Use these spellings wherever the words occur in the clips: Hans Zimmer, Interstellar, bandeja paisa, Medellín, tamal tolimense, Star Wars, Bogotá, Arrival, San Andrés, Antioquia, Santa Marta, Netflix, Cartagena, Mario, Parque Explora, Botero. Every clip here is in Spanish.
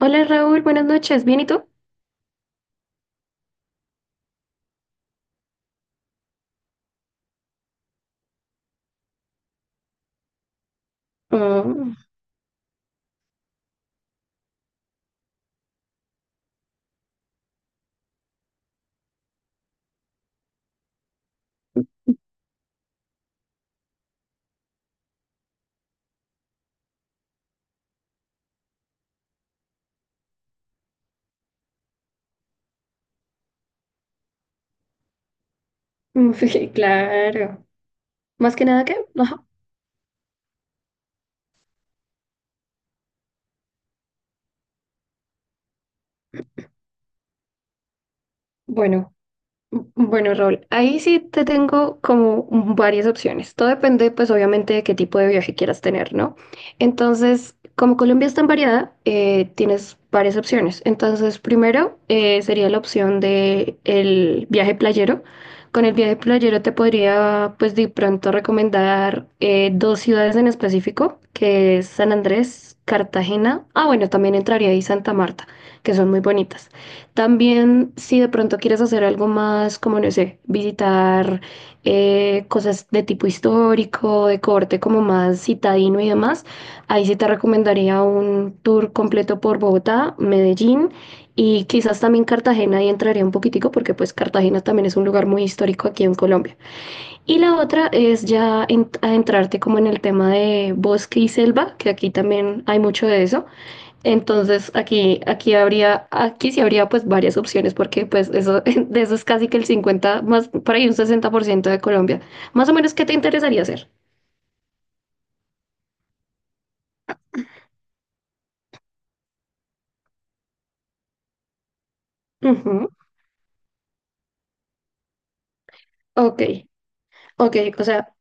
Hola Raúl, buenas noches. ¿Bien y tú? Oh, claro. Más que nada que, ajá. Bueno, Bueno, Raúl, ahí sí te tengo como varias opciones. Todo depende, pues, obviamente, de qué tipo de viaje quieras tener, ¿no? Entonces, como Colombia es tan variada, tienes varias opciones. Entonces, primero sería la opción de el viaje playero. Con el viaje playero te podría, pues, de pronto recomendar dos ciudades en específico, que es San Andrés, Cartagena. Ah, bueno, también entraría ahí Santa Marta, que son muy bonitas. También, si de pronto quieres hacer algo más, como no sé, visitar cosas de tipo histórico, de corte como más citadino y demás, ahí sí te recomendaría un tour completo por Bogotá, Medellín y quizás también Cartagena, ahí entraría un poquitico porque pues Cartagena también es un lugar muy histórico aquí en Colombia. Y la otra es ya adentrarte como en el tema de bosque y selva, que aquí también hay mucho de eso. Entonces aquí sí habría pues varias opciones porque pues eso, de eso es casi que el 50 más por ahí un 60% de Colombia. Más o menos, ¿qué te interesaría hacer? Ujú. Ok. Ok, o sea,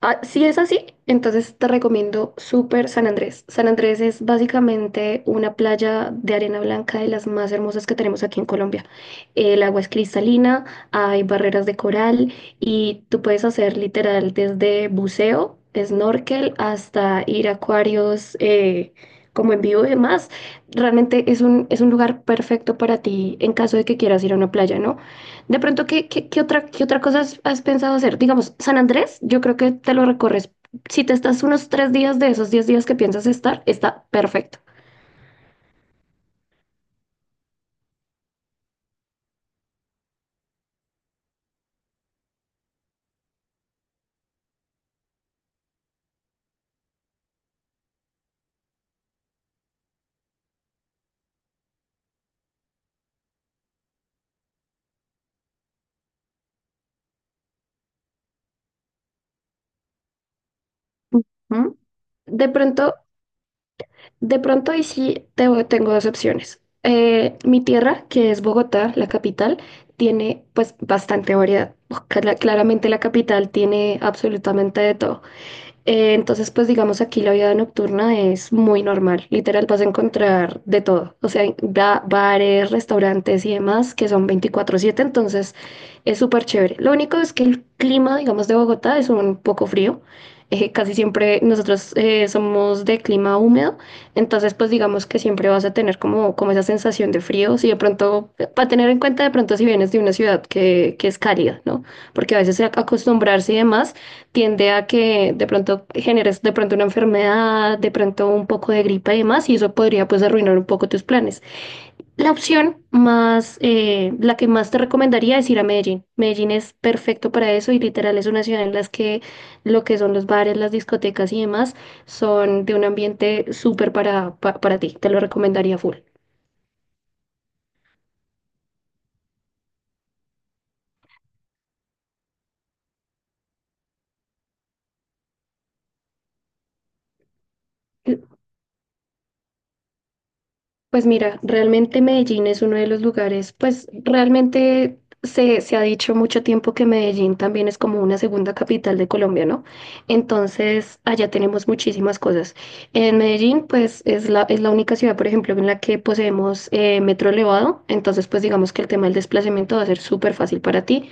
ah, si es así, entonces te recomiendo súper San Andrés. San Andrés es básicamente una playa de arena blanca de las más hermosas que tenemos aquí en Colombia. El agua es cristalina, hay barreras de coral y tú puedes hacer literal desde buceo, snorkel, hasta ir a acuarios como en vivo y demás. Realmente es un lugar perfecto para ti en caso de que quieras ir a una playa, ¿no? De pronto, ¿qué otra cosa has pensado hacer? Digamos, San Andrés, yo creo que te lo recorres. Si te estás unos 3 días de esos 10 días que piensas estar, está perfecto. Ujú. De pronto, de pronto, y sí, tengo dos opciones. Mi tierra, que es Bogotá, la capital, tiene pues bastante variedad. Claramente la capital tiene absolutamente de todo. Entonces, pues digamos aquí la vida nocturna es muy normal, literal vas a encontrar de todo, o sea, bares, restaurantes y demás que son 24/7 entonces es súper chévere. Lo único es que el clima, digamos, de Bogotá es un poco frío, casi siempre nosotros somos de clima húmedo, entonces pues digamos que siempre vas a tener como esa sensación de frío, si de pronto, para tener en cuenta de pronto si vienes de una ciudad que es cálida, ¿no? Porque a veces acostumbrarse y demás tiende a que de pronto generes de pronto una enfermedad, de pronto un poco de gripa y demás, y eso podría pues arruinar un poco tus planes. La que más te recomendaría es ir a Medellín. Medellín es perfecto para eso y literal es una ciudad en las que lo que son los bares, las discotecas y demás son de un ambiente súper para ti. Te lo recomendaría full. Pues mira, realmente Medellín es uno de los lugares, pues realmente se ha dicho mucho tiempo que Medellín también es como una segunda capital de Colombia, ¿no? Entonces, allá tenemos muchísimas cosas. En Medellín, pues es la única ciudad, por ejemplo, en la que poseemos metro elevado, entonces pues digamos que el tema del desplazamiento va a ser súper fácil para ti.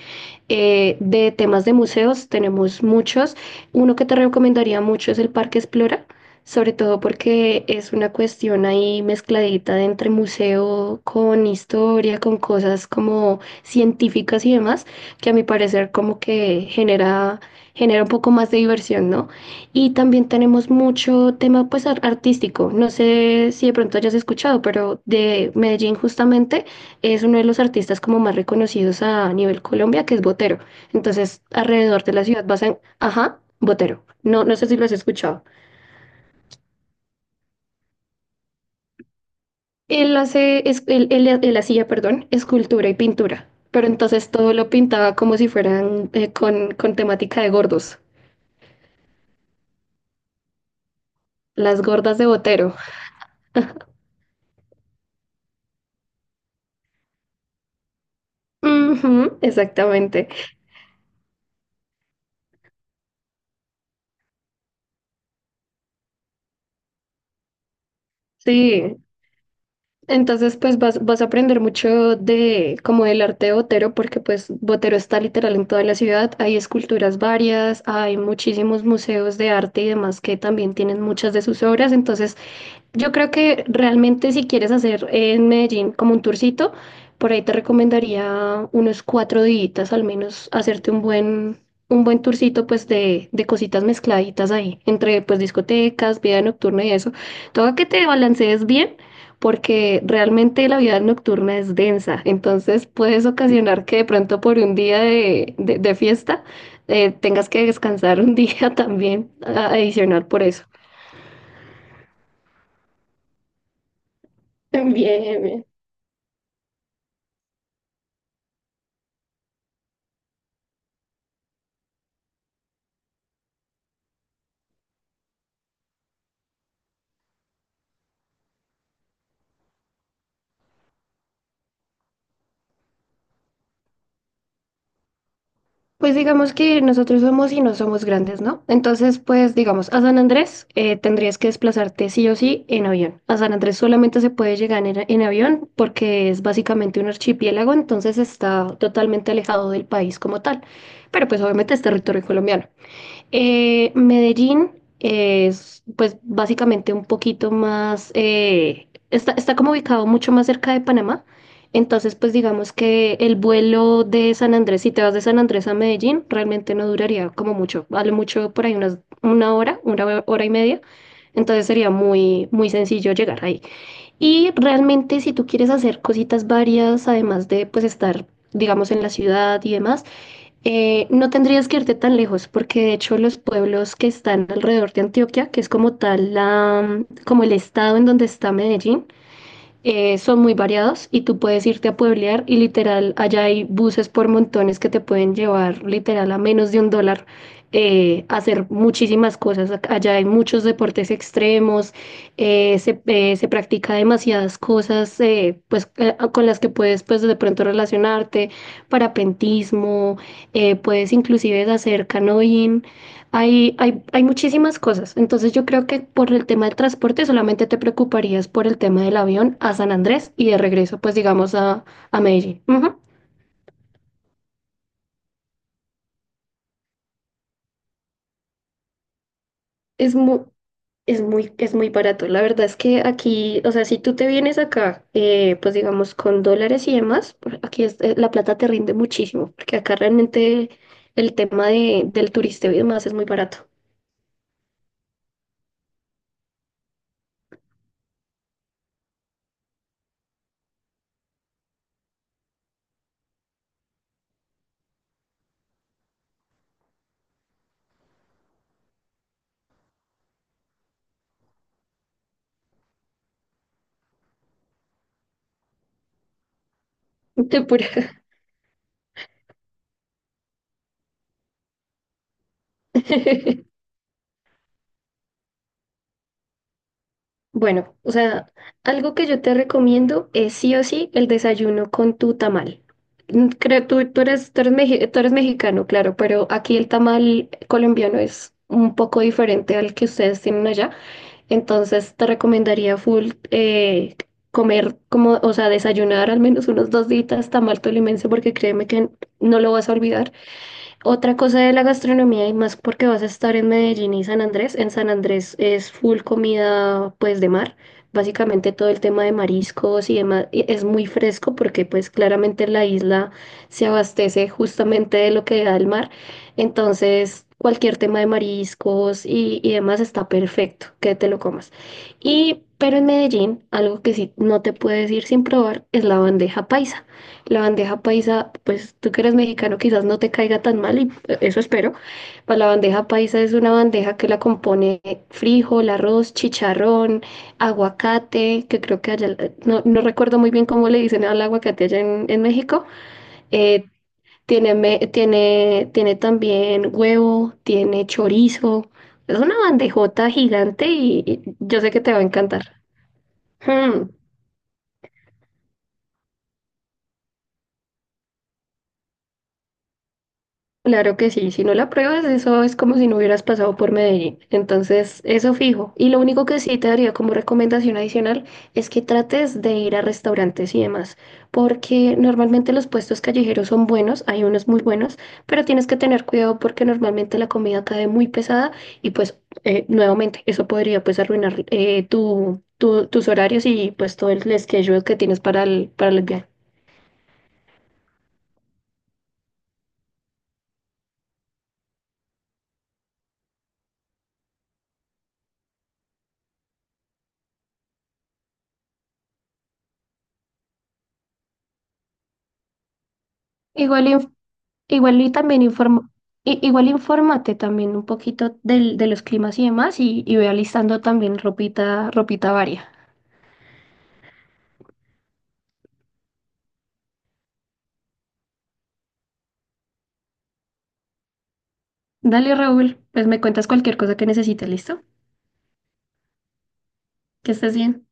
De temas de museos tenemos muchos. Uno que te recomendaría mucho es el Parque Explora sobre todo porque es una cuestión ahí mezcladita de entre museo con historia, con cosas como científicas y demás, que a mi parecer como que genera un poco más de diversión, ¿no? Y también tenemos mucho tema pues artístico, no sé si de pronto hayas escuchado, pero de Medellín justamente es uno de los artistas como más reconocidos a nivel Colombia, que es Botero. Entonces, alrededor de la ciudad vas a. Ajá, Botero. No, no sé si lo has escuchado. Él hace, es- él- él hacía, perdón, escultura y pintura, pero entonces todo lo pintaba como si fueran con temática de gordos, las gordas de Botero. Ujú, exactamente. Sí, entonces pues vas a aprender mucho de como del arte de Botero, porque pues Botero está literal en toda la ciudad, hay esculturas varias, hay muchísimos museos de arte y demás que también tienen muchas de sus obras, entonces. Yo creo que realmente si quieres hacer en Medellín como un tourcito, por ahí te recomendaría unos 4 días al menos hacerte un buen tourcito pues de cositas mezcladitas ahí, entre pues discotecas, vida nocturna y eso. Todo que te balancees bien porque realmente la vida nocturna es densa, entonces puedes ocasionar que de pronto por un día de fiesta tengas que descansar un día también adicional por eso. Bien, bien. Pues digamos que nosotros somos y no somos grandes, ¿no? Entonces, pues digamos, a San Andrés tendrías que desplazarte sí o sí en avión. A San Andrés solamente se puede llegar en avión porque es básicamente un archipiélago, entonces está totalmente alejado del país como tal. Pero pues obviamente es territorio colombiano. Medellín es pues básicamente un poquito más, está como ubicado mucho más cerca de Panamá, entonces pues digamos que el vuelo de San Andrés, si te vas de San Andrés a Medellín, realmente no duraría como mucho, vale mucho por ahí una hora, una hora y media, entonces sería muy, muy sencillo llegar ahí. Y realmente si tú quieres hacer cositas varias, además de pues estar, digamos, en la ciudad y demás, no tendrías que irte tan lejos, porque de hecho los pueblos que están alrededor de Antioquia, que es como tal como el estado en donde está Medellín, son muy variados y tú puedes irte a pueblear y literal, allá hay buses por montones que te pueden llevar literal a menos de $1 a hacer muchísimas cosas. Allá hay muchos deportes extremos, se practica demasiadas cosas pues, con las que puedes pues, de pronto relacionarte, parapentismo, puedes inclusive hacer canoeing. Hay muchísimas cosas. Entonces yo creo que por el tema del transporte solamente te preocuparías por el tema del avión a San Andrés y de regreso, pues digamos, a Medellín. Ujú. Es muy, es muy barato. La verdad es que aquí, o sea, si tú te vienes acá, pues digamos, con dólares y demás, aquí la plata te rinde muchísimo, porque acá realmente el tema del turisteo y demás es muy barato. Te pura. Bueno, o sea, algo que yo te recomiendo es sí o sí el desayuno con tu tamal. Creo tú eres mexicano, claro, pero aquí el tamal colombiano es un poco diferente al que ustedes tienen allá. Entonces te recomendaría full como, o sea, desayunar al menos unos 2 días tamal tolimense porque créeme que no lo vas a olvidar. Otra cosa de la gastronomía y más porque vas a estar en Medellín y San Andrés. En San Andrés es full comida pues de mar. Básicamente todo el tema de mariscos y demás y es muy fresco porque pues claramente la isla se abastece justamente de lo que da el mar. Entonces cualquier tema de mariscos y demás está perfecto que te lo comas. Y pero en Medellín algo que sí no te puedes ir sin probar es la bandeja paisa. La bandeja paisa, pues tú que eres mexicano quizás no te caiga tan mal y eso espero. Para la bandeja paisa es una bandeja que la compone frijol, arroz, chicharrón, aguacate, que creo que allá, no recuerdo muy bien cómo le dicen al aguacate allá en México. Eh, tiene también huevo, tiene chorizo. Es una bandejota gigante y yo sé que te va a encantar. Hmm. Claro que sí, si no la pruebas, eso es como si no hubieras pasado por Medellín. Entonces, eso fijo. Y lo único que sí te daría como recomendación adicional es que trates de ir a restaurantes y demás, porque normalmente los puestos callejeros son buenos, hay unos muy buenos, pero tienes que tener cuidado porque normalmente la comida cae muy pesada y pues nuevamente eso podría pues arruinar tus horarios y pues todo el schedule que tienes para el viaje. Igual Igual y también igual infórmate también un poquito de los climas y demás y ve alistando también ropita, ropita varia. Dale, Raúl, pues me cuentas cualquier cosa que necesites, ¿listo? Que estés bien.